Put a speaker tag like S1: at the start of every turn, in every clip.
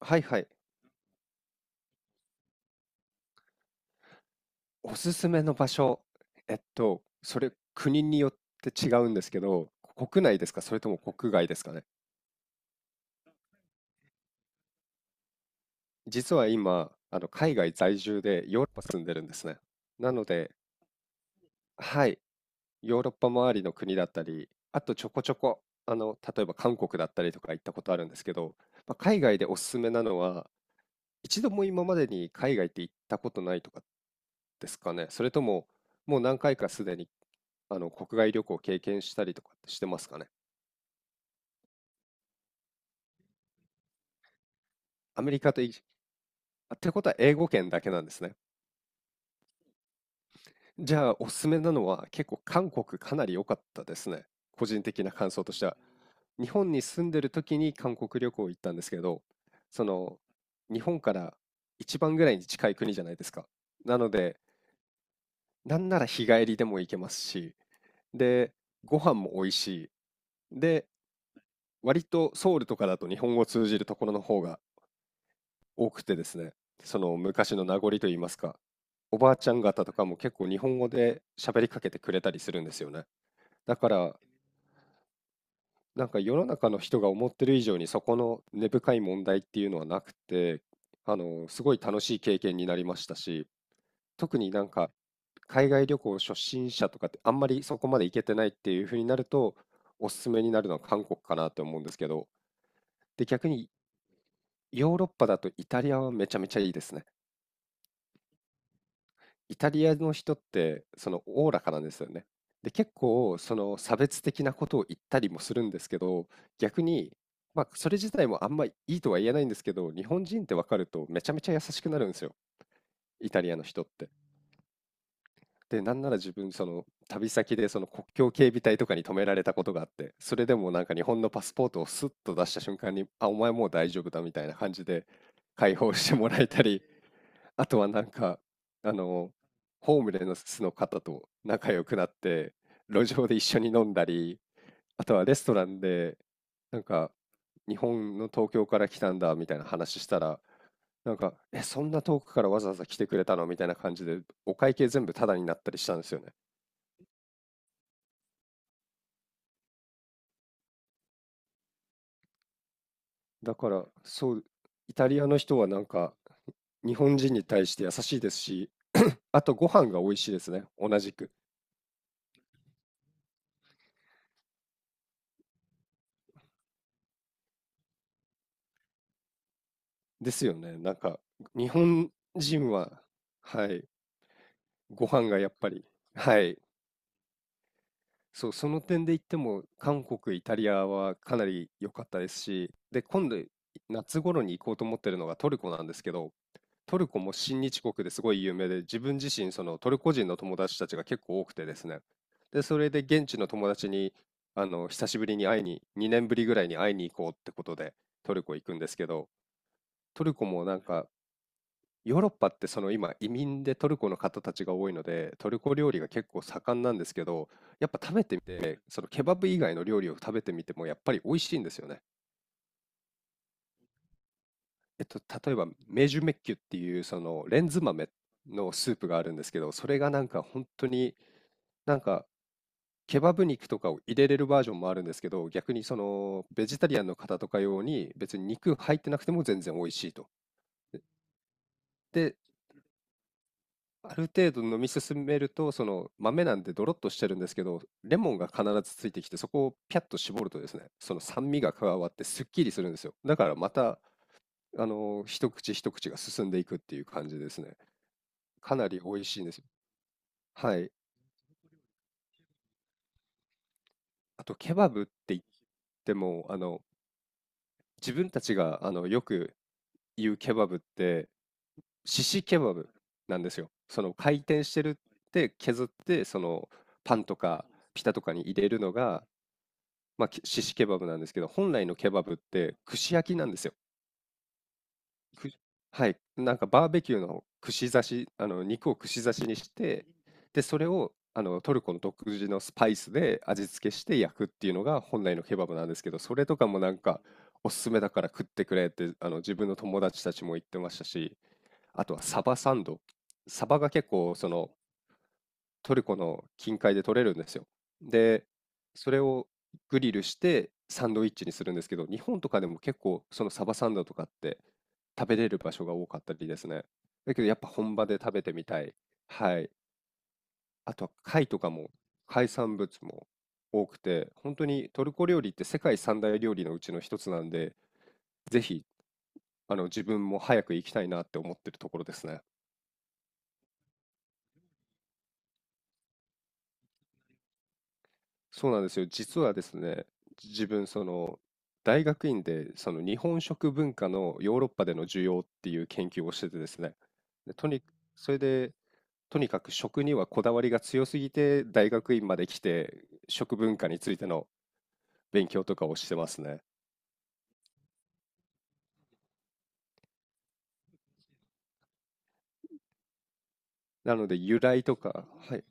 S1: はいはい。おすすめの場所、それ国によって違うんですけど、国内ですか、それとも国外ですかね。実は今、海外在住でヨーロッパ住んでるんですね。なので、はい、ヨーロッパ周りの国だったり、あとちょこちょこ、例えば韓国だったりとか行ったことあるんですけど、まあ、海外でおすすめなのは、一度も今までに海外って行ったことないとかですかね。それとも、もう何回かすでに、国外旅行を経験したりとかってしてますかね。アメリカとイギ、あってことは英語圏だけなんですね。じゃあ、おすすめなのは結構韓国かなり良かったですね。個人的な感想としては。日本に住んでる時に韓国旅行行ったんですけど、その、日本から一番ぐらいに近い国じゃないですか。なので、なんなら日帰りでも行けますし、で、ご飯も美味しい。で、割とソウルとかだと日本語を通じるところの方が多くてですね、その昔の名残といいますか、おばあちゃん方とかも結構日本語で喋りかけてくれたりするんですよね。だから、なんか世の中の人が思ってる以上にそこの根深い問題っていうのはなくて、すごい楽しい経験になりましたし、特になんか海外旅行初心者とかってあんまりそこまで行けてないっていう風になると、おすすめになるのは韓国かなって思うんですけど、で、逆にヨーロッパだとイタリアはめちゃめちゃいいですね。イタリアの人ってそのおおらかなんですよね。で、結構その差別的なことを言ったりもするんですけど、逆に、まあそれ自体もあんまいいとは言えないんですけど、日本人って分かるとめちゃめちゃ優しくなるんですよ。イタリアの人って。で、なんなら自分その旅先でその国境警備隊とかに止められたことがあって、それでもなんか日本のパスポートをスッと出した瞬間に、あ、お前もう大丈夫だみたいな感じで解放してもらえたり、あとはなんか、あの、ホームレスの方と仲良くなって、路上で一緒に飲んだり、あとはレストランで、なんか、日本の東京から来たんだみたいな話したら、なんか、え、そんな遠くからわざわざ来てくれたのみたいな感じで、お会計全部タダになったりしたんですよね。だから、そう、イタリアの人はなんか、日本人に対して優しいですし、あとご飯が美味しいですね、同じく。ですよね。なんか、日本人は、はい、ご飯がやっぱり、はい、そう、その点で言っても、韓国、イタリアはかなり良かったですし、で、今度、夏頃に行こうと思ってるのがトルコなんですけど、トルコも親日国ですごい有名で、自分自身、そのトルコ人の友達たちが結構多くてですね。で、それで現地の友達に、久しぶりに会いに、2年ぶりぐらいに会いに行こうってことで、トルコ行くんですけど、トルコもなんか、ヨーロッパってその今移民でトルコの方たちが多いので、トルコ料理が結構盛んなんですけど、やっぱ食べてみて、そのケバブ以外の料理を食べてみてもやっぱり美味しいんですよね。例えばメジュメッキュっていうそのレンズ豆のスープがあるんですけど、それがなんか本当になんかケバブ肉とかを入れれるバージョンもあるんですけど、逆にそのベジタリアンの方とか用に別に肉入ってなくても全然美味しいと。で、ある程度飲み進めると、その豆なんでドロッとしてるんですけど、レモンが必ずついてきて、そこをピャッと絞るとですね、その酸味が加わってすっきりするんですよ。だからまた、一口一口が進んでいくっていう感じですね。かなり美味しいんですよ。はい。あと、ケバブって言っても、自分たちが、よく言うケバブって、シシケバブなんですよ。その回転してるって削って、そのパンとかピタとかに入れるのが、まあ、シシケバブなんですけど、本来のケバブって串焼きなんですよ。くはい、なんかバーベキューの串刺し、あの肉を串刺しにして、で、それをあのトルコの独自のスパイスで味付けして焼くっていうのが本来のケバブなんですけど、それとかもなんかおすすめだから食ってくれってあの自分の友達たちも言ってましたし、あとはサバサンド。サバが結構そのトルコの近海で取れるんですよ。で、それをグリルしてサンドイッチにするんですけど、日本とかでも結構そのサバサンドとかって食べれる場所が多かったりですね。だけどやっぱ本場で食べてみたい。はい。あとは貝とかも海産物も多くて、本当にトルコ料理って世界三大料理のうちの一つなんで、ぜひあの自分も早く行きたいなって思ってるところですね。そうなんですよ。実はですね、自分、その、大学院で、その日本食文化のヨーロッパでの需要っていう研究をしててですね。で、それで、とにかく食にはこだわりが強すぎて、大学院まで来て、食文化についての勉強とかをしてますね。なので、由来とか、はい。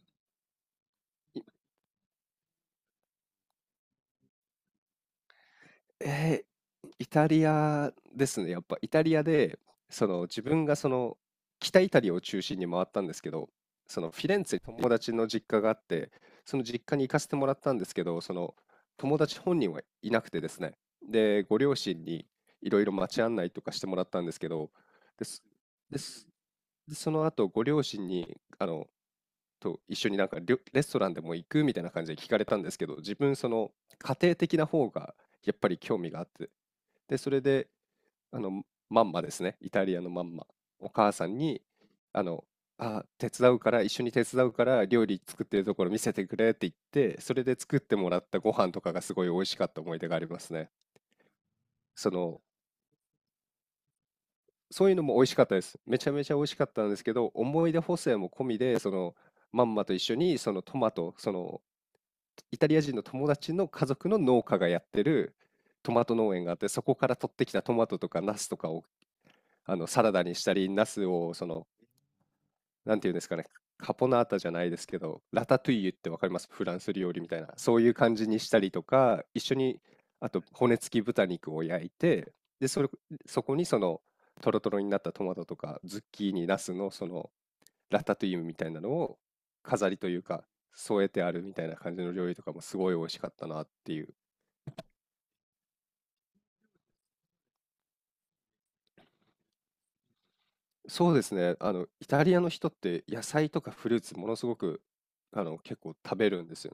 S1: えー、イタリアですね。やっぱイタリアで、その自分がその北イタリアを中心に回ったんですけど、そのフィレンツェに友達の実家があって、その実家に行かせてもらったんですけど、その友達本人はいなくてですね。で、ご両親にいろいろ街案内とかしてもらったんですけど、です、です、でその後ご両親にあのと一緒になんかレストランでも行くみたいな感じで聞かれたんですけど、自分その家庭的な方がやっぱり興味があって、で、それであのマンマですね、イタリアのマンマ、お母さんに、あの、あ、手伝うから、一緒に手伝うから料理作ってるところ見せてくれって言って、それで作ってもらったご飯とかがすごい美味しかった思い出がありますね。その、そういうのも美味しかったです。めちゃめちゃ美味しかったんですけど、思い出補正も込みで、まんまと一緒にそのトマト、そのイタリア人の友達の家族の農家がやってるトマト農園があって、そこから取ってきたトマトとかナスとかをサラダにしたり、ナスをなんていうんですかね、カポナータじゃないですけど、ラタトゥイユってわかりますフランス料理みたいな、そういう感じにしたりとか、一緒に、あと骨付き豚肉を焼いて、で、それ、そこにトロトロになったトマトとか、ズッキーニ、ナスのラタトゥイユみたいなのを飾りというか添えてあるみたいな感じの料理とかもすごい美味しかったなっていう。そうですね。あの、イタリアの人って野菜とかフルーツものすごく、あの、結構食べるんですよ。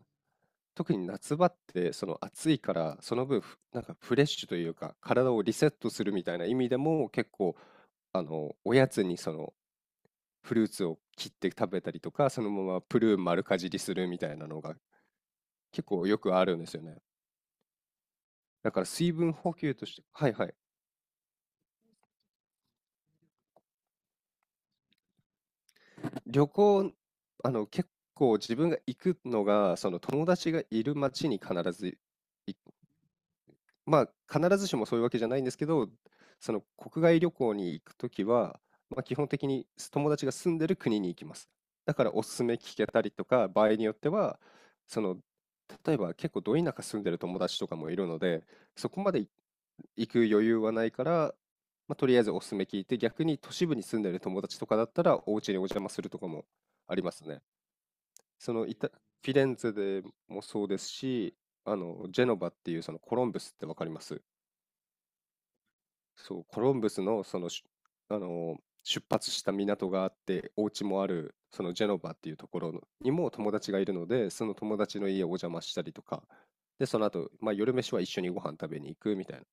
S1: 特に夏場ってその暑いからその分なんかフレッシュというか体をリセットするみたいな意味でも結構あのおやつにフルーツを切って食べたりとかそのままプルーン丸かじりするみたいなのが結構よくあるんですよね。だから水分補給として、はいはい。旅行、あの、結構自分が行くのが、その友達がいる町に必ず行まあ、必ずしもそういうわけじゃないんですけど、その国外旅行に行くときは、まあ、基本的に友達が住んでる国に行きます。だからおすすめ聞けたりとか、場合によっては、その、例えば結構ど田舎住んでる友達とかもいるので、そこまで行く余裕はないから、まあ、とりあえずおすすめ聞いて、逆に都市部に住んでる友達とかだったら、お家にお邪魔するとかもありますね。そのイタ、フィレンツェでもそうですし、あの、ジェノバっていうそのコロンブスってわかります。そう、コロンブスのあの、出発した港があって、お家もある、そのジェノバっていうところにも友達がいるので、その友達の家をお邪魔したりとか、で、その後、まあ夜飯は一緒にご飯食べに行くみたいな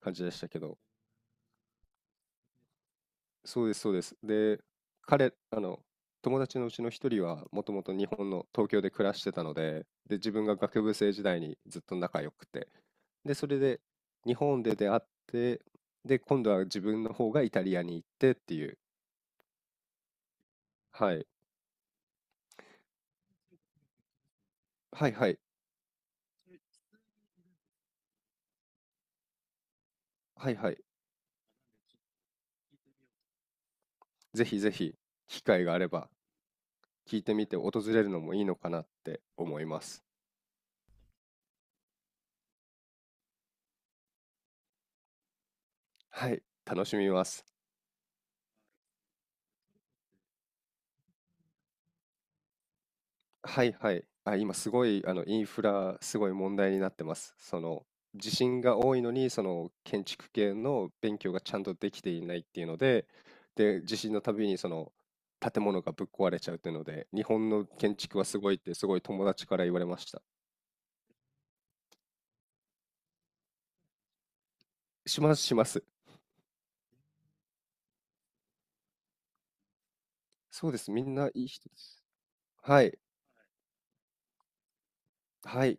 S1: 感じでしたけど、そうですそうです。で、彼、あの、友達のうちの一人はもともと日本の東京で暮らしてたので、で、自分が学部生時代にずっと仲良くて、で、それで日本で出会って、で、今度は自分の方がイタリアに行ってっていう、はい、はいはい、はいはい、ぜひぜひ機会があれば聞いてみて訪れるのもいいのかなって思います。はい、楽しみます。はいはい。あ、今すごい、あの、インフラ、すごい問題になってます。その、地震が多いのに、その、建築系の勉強がちゃんとできていないっていうので、で、地震のたびに、その、建物がぶっ壊れちゃうっていうので、日本の建築はすごいって、すごい友達から言われました。します、します。そうです。みんないい人です。はい。はい。